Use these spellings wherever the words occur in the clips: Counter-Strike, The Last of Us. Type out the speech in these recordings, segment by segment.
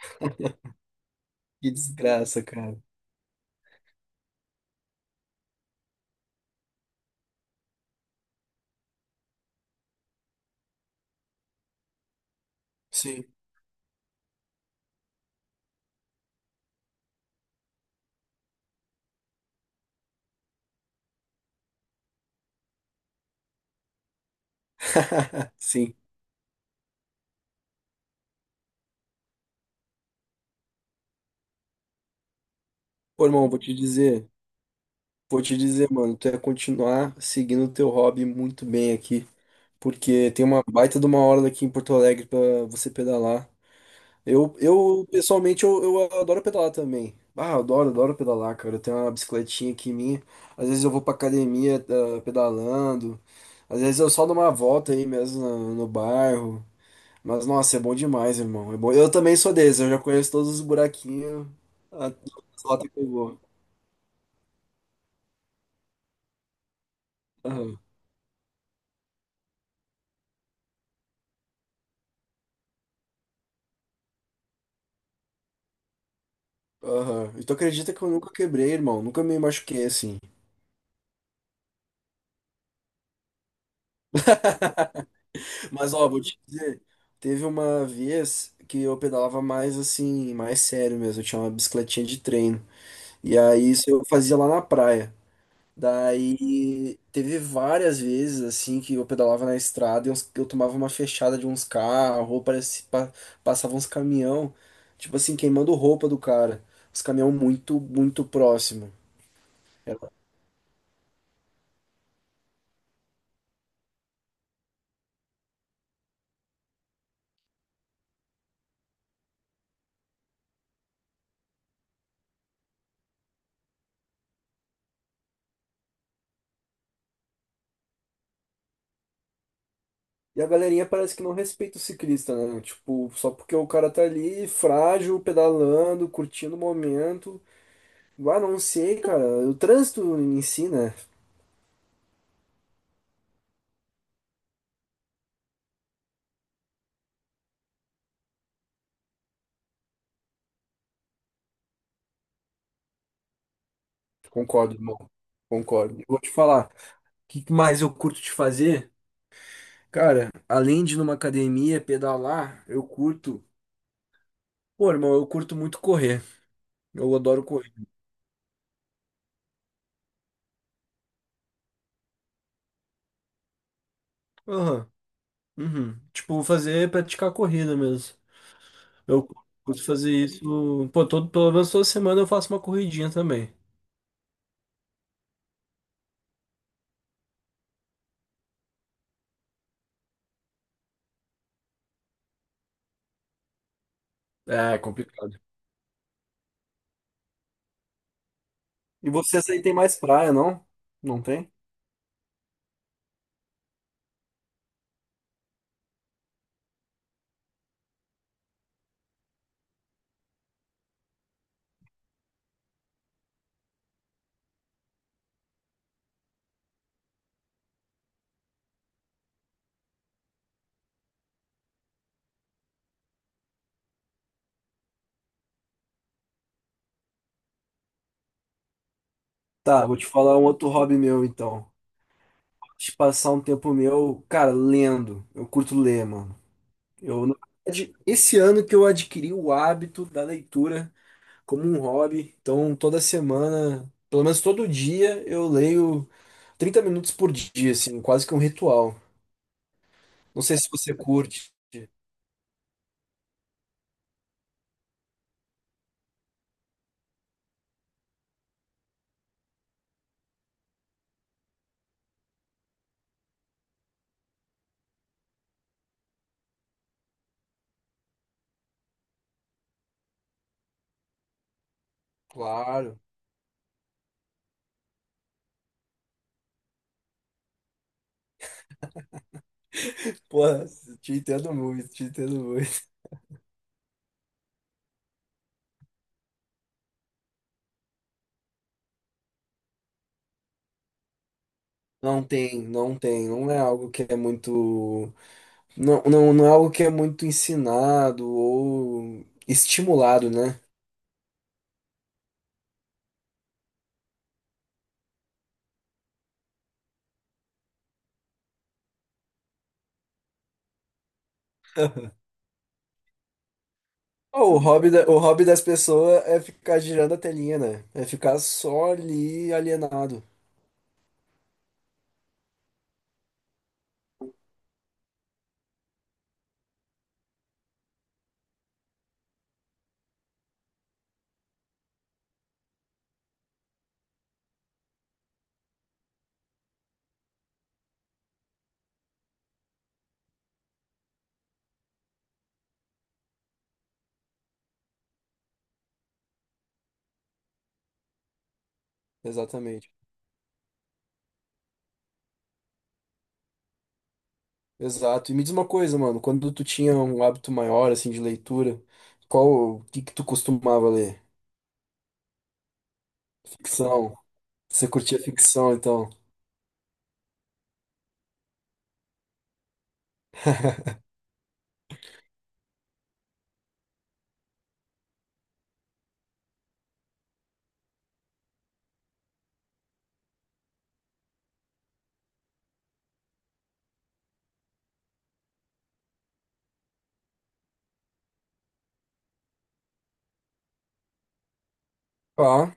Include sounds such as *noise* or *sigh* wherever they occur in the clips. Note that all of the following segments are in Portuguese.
*laughs* Que desgraça, cara. Sim. *laughs* Sim. Pô, irmão, vou te dizer, mano, tu ia continuar seguindo o teu hobby muito bem aqui, porque tem uma baita de uma hora aqui em Porto Alegre pra você pedalar. Eu pessoalmente, eu adoro pedalar também. Ah, eu adoro, adoro pedalar, cara. Eu tenho uma bicicletinha aqui minha. Às vezes eu vou pra academia, ah, pedalando. Às vezes eu só dou uma volta aí mesmo no bairro. Mas nossa, é bom demais, irmão. É bom. Eu também sou desse, eu já conheço todos os buraquinhos, a lata que eu vou. Aham. Aham. E tu acredita que eu nunca quebrei, irmão? Nunca me machuquei assim. *laughs* Mas ó, vou te dizer, teve uma vez que eu pedalava mais assim, mais sério mesmo. Eu tinha uma bicicletinha de treino. E aí isso eu fazia lá na praia. Daí teve várias vezes assim que eu pedalava na estrada e eu tomava uma fechada de uns carros, ou parecia, passava uns caminhão, tipo assim, queimando roupa do cara. Os caminhão muito, muito próximo. É. E a galerinha parece que não respeita o ciclista, né? Tipo, só porque o cara tá ali frágil, pedalando, curtindo o momento. Ah, não sei, cara. O trânsito em si, né? Concordo, irmão. Concordo. Vou te falar. O que que mais eu curto de fazer? Cara, além de numa academia pedalar, eu curto. Pô, irmão, eu curto muito correr. Eu adoro correr. Aham. Uhum. Tipo, fazer, praticar corrida mesmo. Eu curto fazer isso. Pô, todo, pelo menos toda semana eu faço uma corridinha também. É, é complicado. E vocês aí tem mais praia, não? Não tem? Tá, vou te falar um outro hobby meu então. De passar um tempo meu, cara, lendo. Eu curto ler, mano. Eu, na verdade, esse ano que eu adquiri o hábito da leitura como um hobby. Então, toda semana, pelo menos todo dia, eu leio 30 minutos por dia, assim, quase que um ritual. Não sei se você curte. Claro. Pô, te entendo muito, te entendo muito. Não tem, não tem. Não é algo que é muito. Não é algo que é muito ensinado ou estimulado, né? Ó, o hobby, o hobby das pessoas é ficar girando a telinha, né? É ficar só ali alienado. Exatamente. Exato. E me diz uma coisa, mano, quando tu tinha um hábito maior, assim, de leitura, qual, o que que tu costumava ler? Ficção. Você curtia ficção, então? Ah,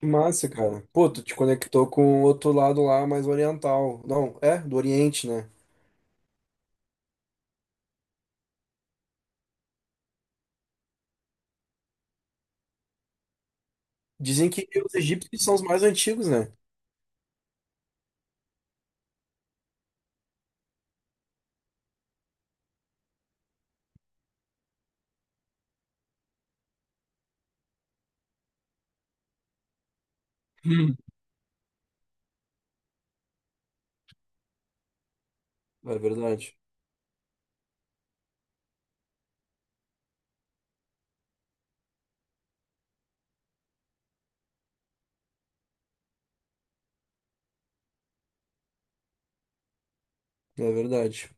que massa, cara. Pô, tu te conectou com o outro lado lá, mais oriental. Não, é, do Oriente, né? Dizem que os egípcios são os mais antigos, né? Hum. É verdade, é verdade.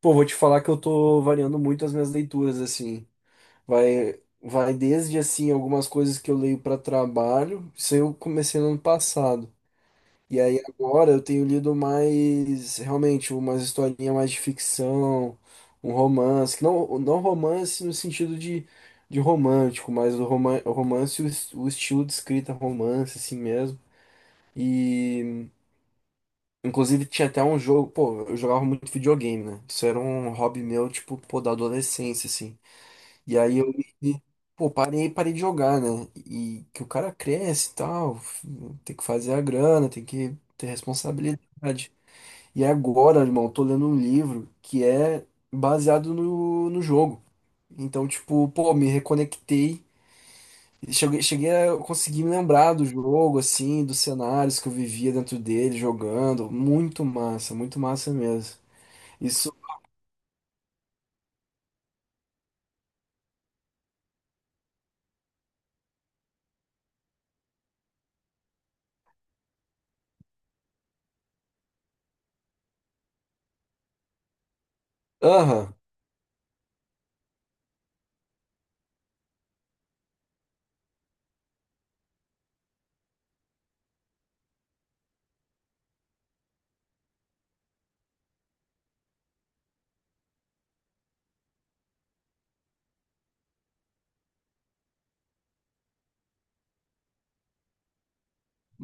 Pô, vou te falar que eu tô variando muito as minhas leituras, assim. Vai desde assim algumas coisas que eu leio para trabalho, isso eu comecei no ano passado. E aí agora eu tenho lido mais, realmente, umas historinhas mais de ficção, um romance, que não romance no sentido de romântico, mas o o romance, o, o estilo de escrita romance, assim mesmo. E inclusive tinha até um jogo, pô, eu jogava muito videogame, né? Isso era um hobby meu, tipo, pô, da adolescência, assim. E aí me- pô, parei de jogar, né? E que o cara cresce e tal, tem que fazer a grana, tem que ter responsabilidade. E agora, irmão, eu tô lendo um livro que é baseado no jogo. Então, tipo, pô, me reconectei. Cheguei a conseguir me lembrar do jogo, assim, dos cenários que eu vivia dentro dele, jogando. Muito massa mesmo. Isso. Aham.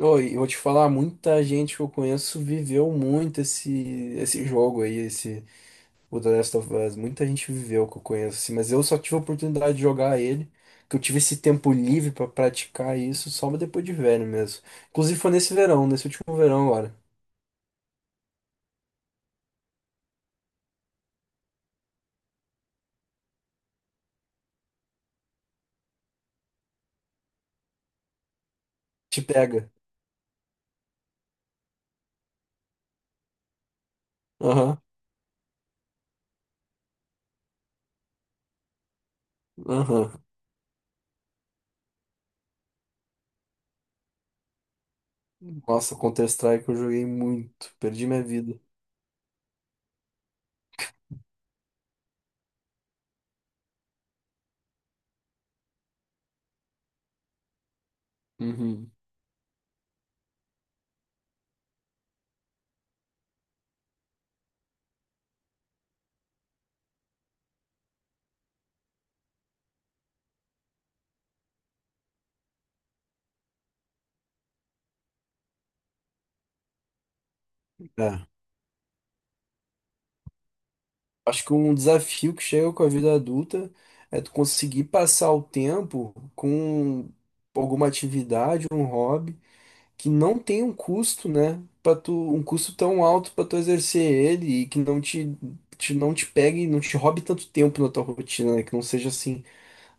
Oi, eu vou te falar, muita gente que eu conheço viveu muito esse jogo aí, esse o The Last of Us. Muita gente viveu que eu conheço, assim, mas eu só tive a oportunidade de jogar ele, que eu tive esse tempo livre pra praticar isso só depois de velho mesmo. Inclusive foi nesse verão, nesse último verão agora. Te pega. Aham, aham. Nossa, Counter-Strike eu joguei muito, perdi minha vida. Uhum. É. Acho que um desafio que chega com a vida adulta é tu conseguir passar o tempo com alguma atividade, um hobby que não tem um custo, né? Para tu um custo tão alto para tu exercer ele e que te não te pegue, não te roube tanto tempo na tua rotina, né? Que não seja assim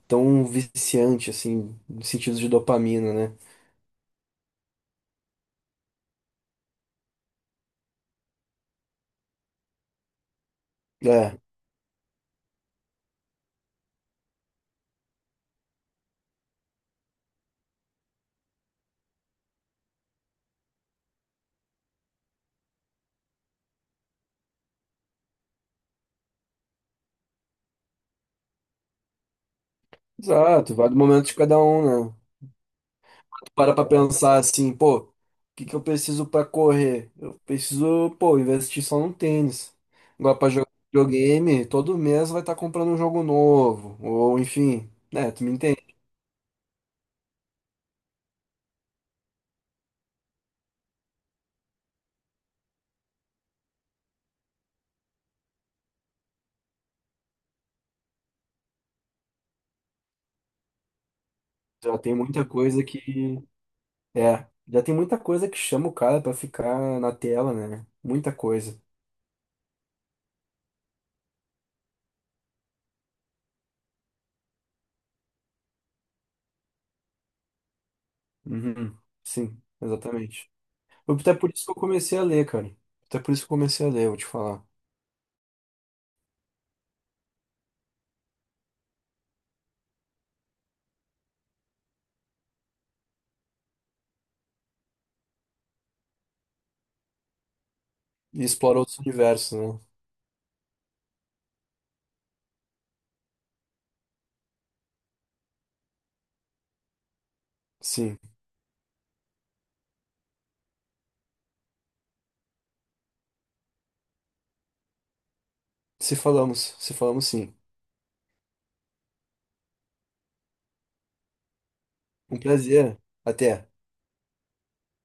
tão viciante assim, no sentido de dopamina, né? É, exato, vai do momento de cada um, né? Para pra pensar assim, pô, o que que eu preciso pra correr? Eu preciso, pô, investir só no tênis. Agora pra jogar videogame, todo mês vai estar comprando um jogo novo, ou enfim, né, tu me entende. Já tem muita coisa que já tem muita coisa que chama o cara pra ficar na tela, né? Muita coisa. Uhum. Sim, exatamente. Até por isso que eu comecei a ler, cara. Até por isso que eu comecei a ler, vou te falar. E explorar outros universos, né? Sim. Se falamos, se falamos sim. Um prazer. Até.